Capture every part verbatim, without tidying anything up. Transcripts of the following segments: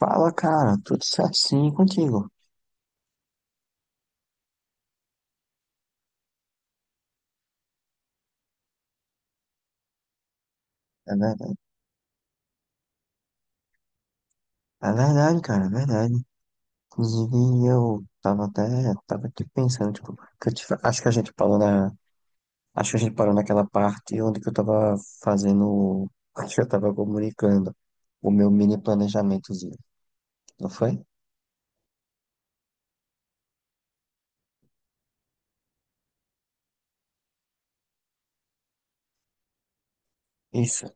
Fala, cara, tudo certo sim contigo. É verdade. É verdade, cara, é verdade. Inclusive, eu tava até, tava aqui pensando, tipo, que eu te fa- acho que a gente parou na, acho que a gente parou naquela parte onde que eu tava fazendo, acho que eu tava comunicando o meu mini planejamentozinho, não foi? Isso,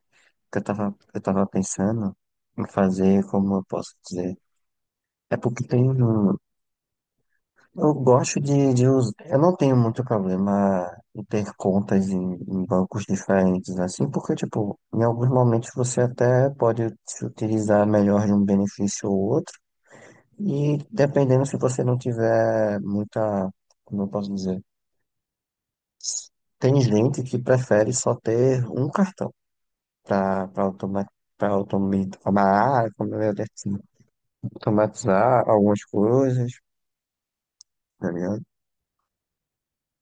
que eu tava, eu tava pensando em fazer, como eu posso dizer, é porque tem um. Eu gosto de, de usar. Eu não tenho muito problema em ter contas em, em bancos diferentes, assim, porque, tipo, em alguns momentos você até pode se utilizar melhor de um benefício ou outro, e dependendo se você não tiver muita, como eu posso dizer, tem gente que prefere só ter um cartão para automa, para automatizar, como eu disse, automatizar algumas coisas, tá ligado?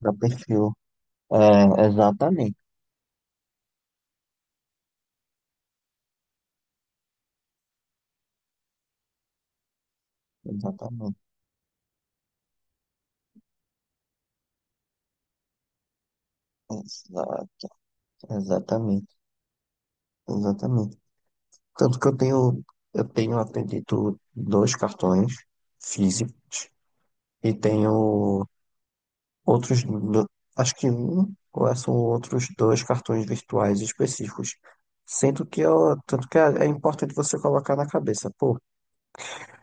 Para perfil. É, exatamente. Exatamente, exa- exatamente, exatamente. Tanto que eu tenho, eu tenho, acredito, dois cartões físicos e tenho outros, do- acho que um, ou é, são outros dois cartões virtuais específicos. Sendo que eu, tanto que é, é importante você colocar na cabeça, pô,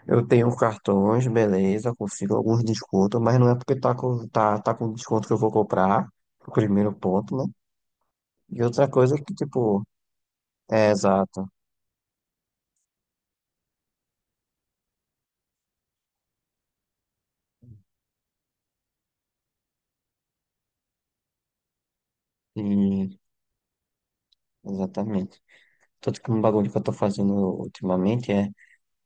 eu tenho cartões, beleza, consigo alguns descontos, mas não é porque tá com, tá, tá com desconto que eu vou comprar, primeiro ponto, né? E outra coisa é que, tipo, é exato. E, exatamente. Tanto que um bagulho que eu tô fazendo ultimamente é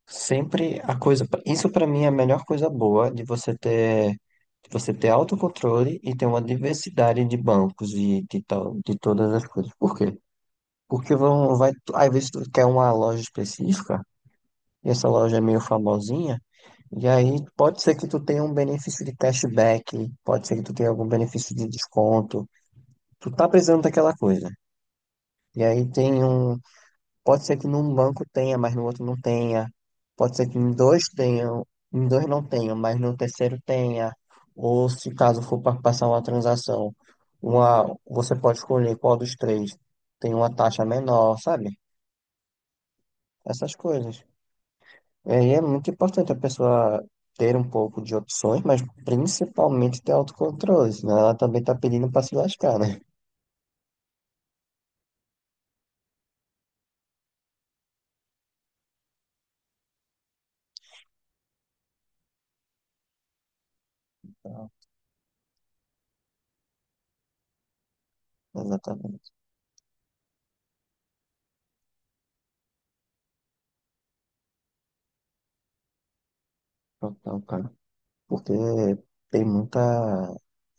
sempre a coisa. Isso pra mim é a melhor coisa boa de você ter, de você ter autocontrole e ter uma diversidade de bancos e de, tal, de todas as coisas. Por quê? Porque vão, vai, às vezes tu quer uma loja específica e essa loja é meio famosinha. E aí pode ser que tu tenha um benefício de cashback, pode ser que tu tenha algum benefício de desconto. Tu tá precisando daquela coisa. E aí tem um. Pode ser que num banco tenha, mas no outro não tenha. Pode ser que em dois tenham, em dois não tenham, mas no terceiro tenha. Ou se caso for para passar uma transação, uma, você pode escolher qual dos três tem uma taxa menor, sabe? Essas coisas. E aí é muito importante a pessoa ter um pouco de opções, mas principalmente ter autocontrole, senão ela também tá pedindo para se lascar, né? Então. Exatamente. Então, cara, porque tem muita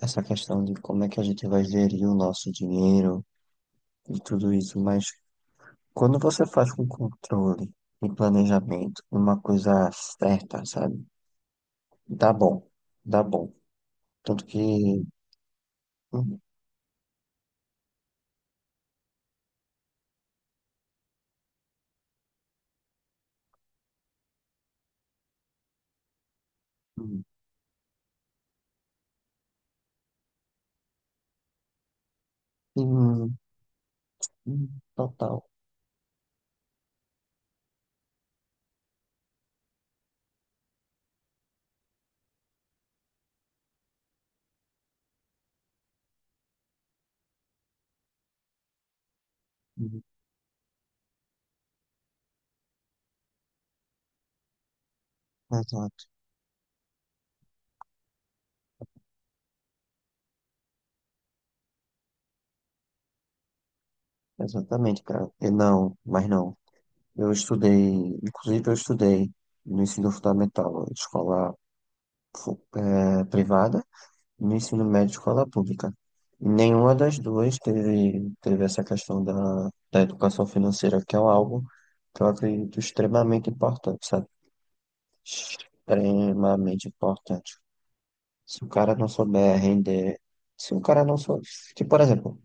essa questão de como é que a gente vai gerir o nosso dinheiro e tudo isso, mas quando você faz com controle e planejamento, uma coisa certa, sabe? Dá bom, dá bom. Tanto que. Hum. Hum. Hum. Hum. Total. Hum. Exato, exatamente, cara. E não, mas não. Eu estudei, inclusive eu estudei no ensino fundamental, escola fu- eh, privada. No ensino médio, escola pública. E nenhuma das duas teve, teve essa questão da, da educação financeira, que é um algo que eu acredito extremamente importante, sabe? Extremamente importante. Se o cara não souber render, se o cara não souber. Que, por exemplo,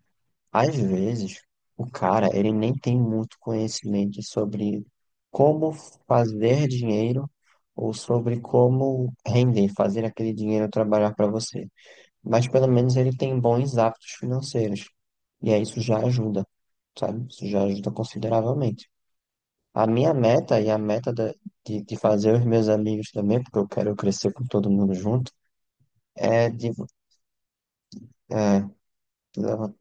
às vezes, o cara, ele nem tem muito conhecimento sobre como fazer dinheiro ou sobre como render, fazer aquele dinheiro trabalhar para você, mas pelo menos ele tem bons hábitos financeiros. E aí isso já ajuda, sabe? Isso já ajuda consideravelmente. A minha meta e a meta da- de, de fazer os meus amigos também, porque eu quero crescer com todo mundo junto, é de, é, de levan-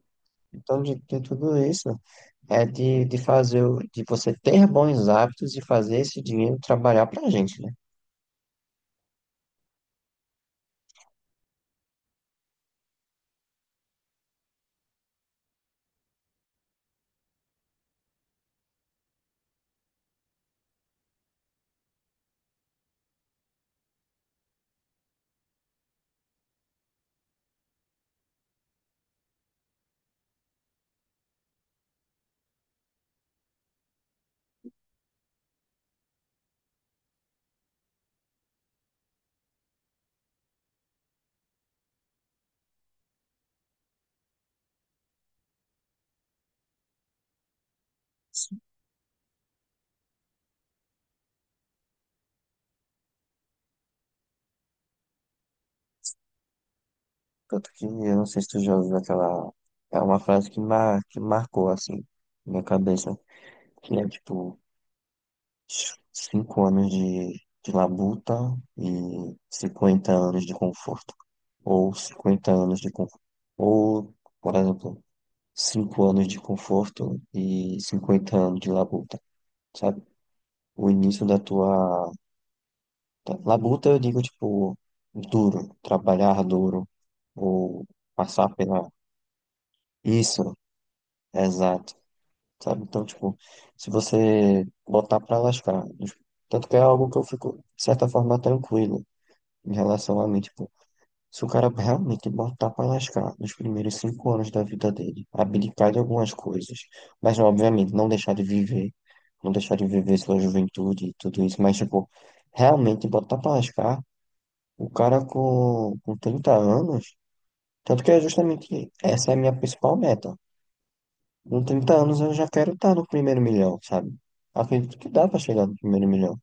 então de, de tudo isso, é de, de fazer, o- de você ter bons hábitos e fazer esse dinheiro trabalhar pra gente, né? Tanto que eu não sei se tu já ouviu aquela, é uma frase que, mar, que marcou assim, na minha cabeça, que é tipo: Cinco anos de, de labuta e cinquenta anos de conforto. Ou cinquenta anos de conforto. Ou, por exemplo, cinco anos de conforto e cinquenta anos de labuta, sabe? O início da tua. da- Labuta, eu digo, tipo, duro, trabalhar duro, ou passar pela. Isso, exato, sabe? Então, tipo, se você botar pra lascar, tanto que é algo que eu fico, de certa forma, tranquilo em relação a mim, tipo, se o cara realmente botar pra lascar nos primeiros cinco anos da vida dele, abdicar de algumas coisas, mas obviamente não deixar de viver, não deixar de viver sua juventude e tudo isso, mas tipo, realmente botar pra lascar o cara com, com trinta anos, tanto que é justamente essa é a minha principal meta. Com trinta anos eu já quero estar no primeiro milhão, sabe? Acredito que dá pra chegar no primeiro milhão.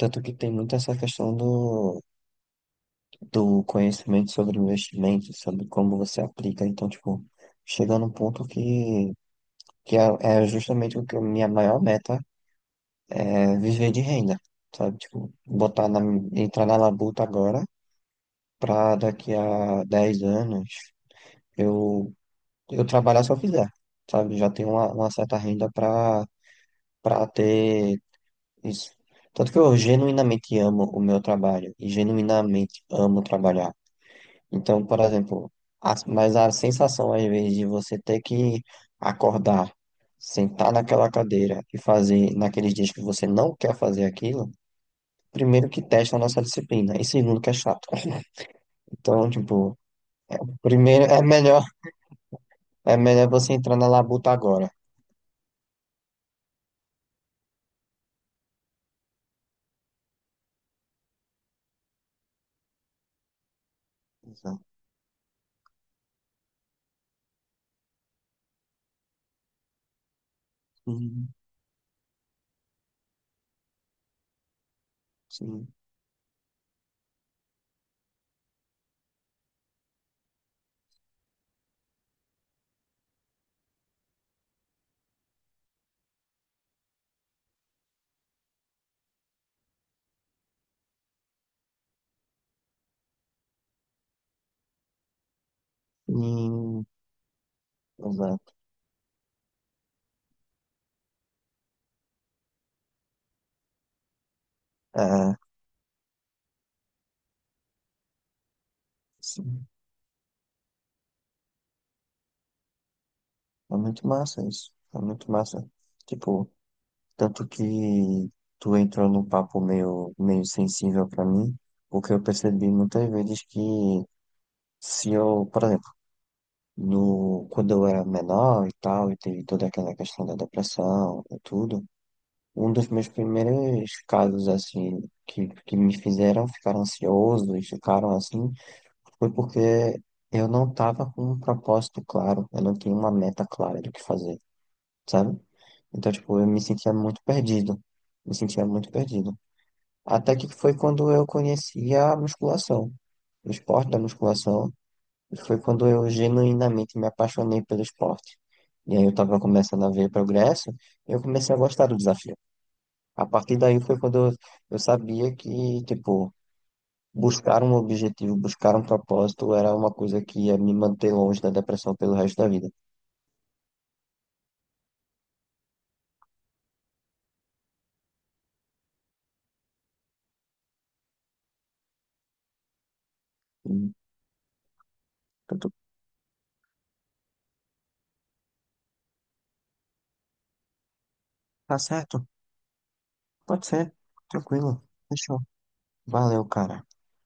Tanto que tem muito essa questão do do conhecimento sobre investimento, sobre como você aplica. Então, tipo, chega num ponto que, que é, é justamente o que a minha maior meta é viver de renda, sabe? Tipo, botar na, entrar na labuta agora pra daqui a dez anos eu, eu trabalhar se eu quiser, sabe? Já tenho uma, uma certa renda pra, pra ter isso. Tanto que eu genuinamente amo o meu trabalho e genuinamente amo trabalhar. Então, por exemplo, a- mas a sensação às vezes de você ter que acordar, sentar naquela cadeira e fazer naqueles dias que você não quer fazer aquilo, primeiro que testa a nossa disciplina e segundo que é chato. Então, tipo, primeiro é melhor é melhor você entrar na labuta agora. Exato. Sim, sim. Sim, exato. É, sim. É muito massa isso. É muito massa. Tipo. Tanto que tu entrou num papo meio, meio sensível para mim, porque eu percebi muitas vezes que se eu, por exemplo, no, quando eu era menor e tal, e teve toda aquela questão da depressão e tudo, um dos meus primeiros casos, assim, que, que me fizeram ficar ansioso e ficaram assim, foi porque eu não tava com um propósito claro, eu não tinha uma meta clara do que fazer, sabe? Então, tipo, eu me sentia muito perdido, me sentia muito perdido. Até que foi quando eu conheci a musculação, o esporte da musculação. E foi quando eu genuinamente me apaixonei pelo esporte. E aí eu estava começando a ver progresso, e eu comecei a gostar do desafio. A partir daí foi quando eu, eu sabia que, tipo, buscar um objetivo, buscar um propósito era uma coisa que ia me manter longe da depressão pelo resto da vida. E. Tá certo? Pode ser. Tranquilo. Fechou. Valeu, cara.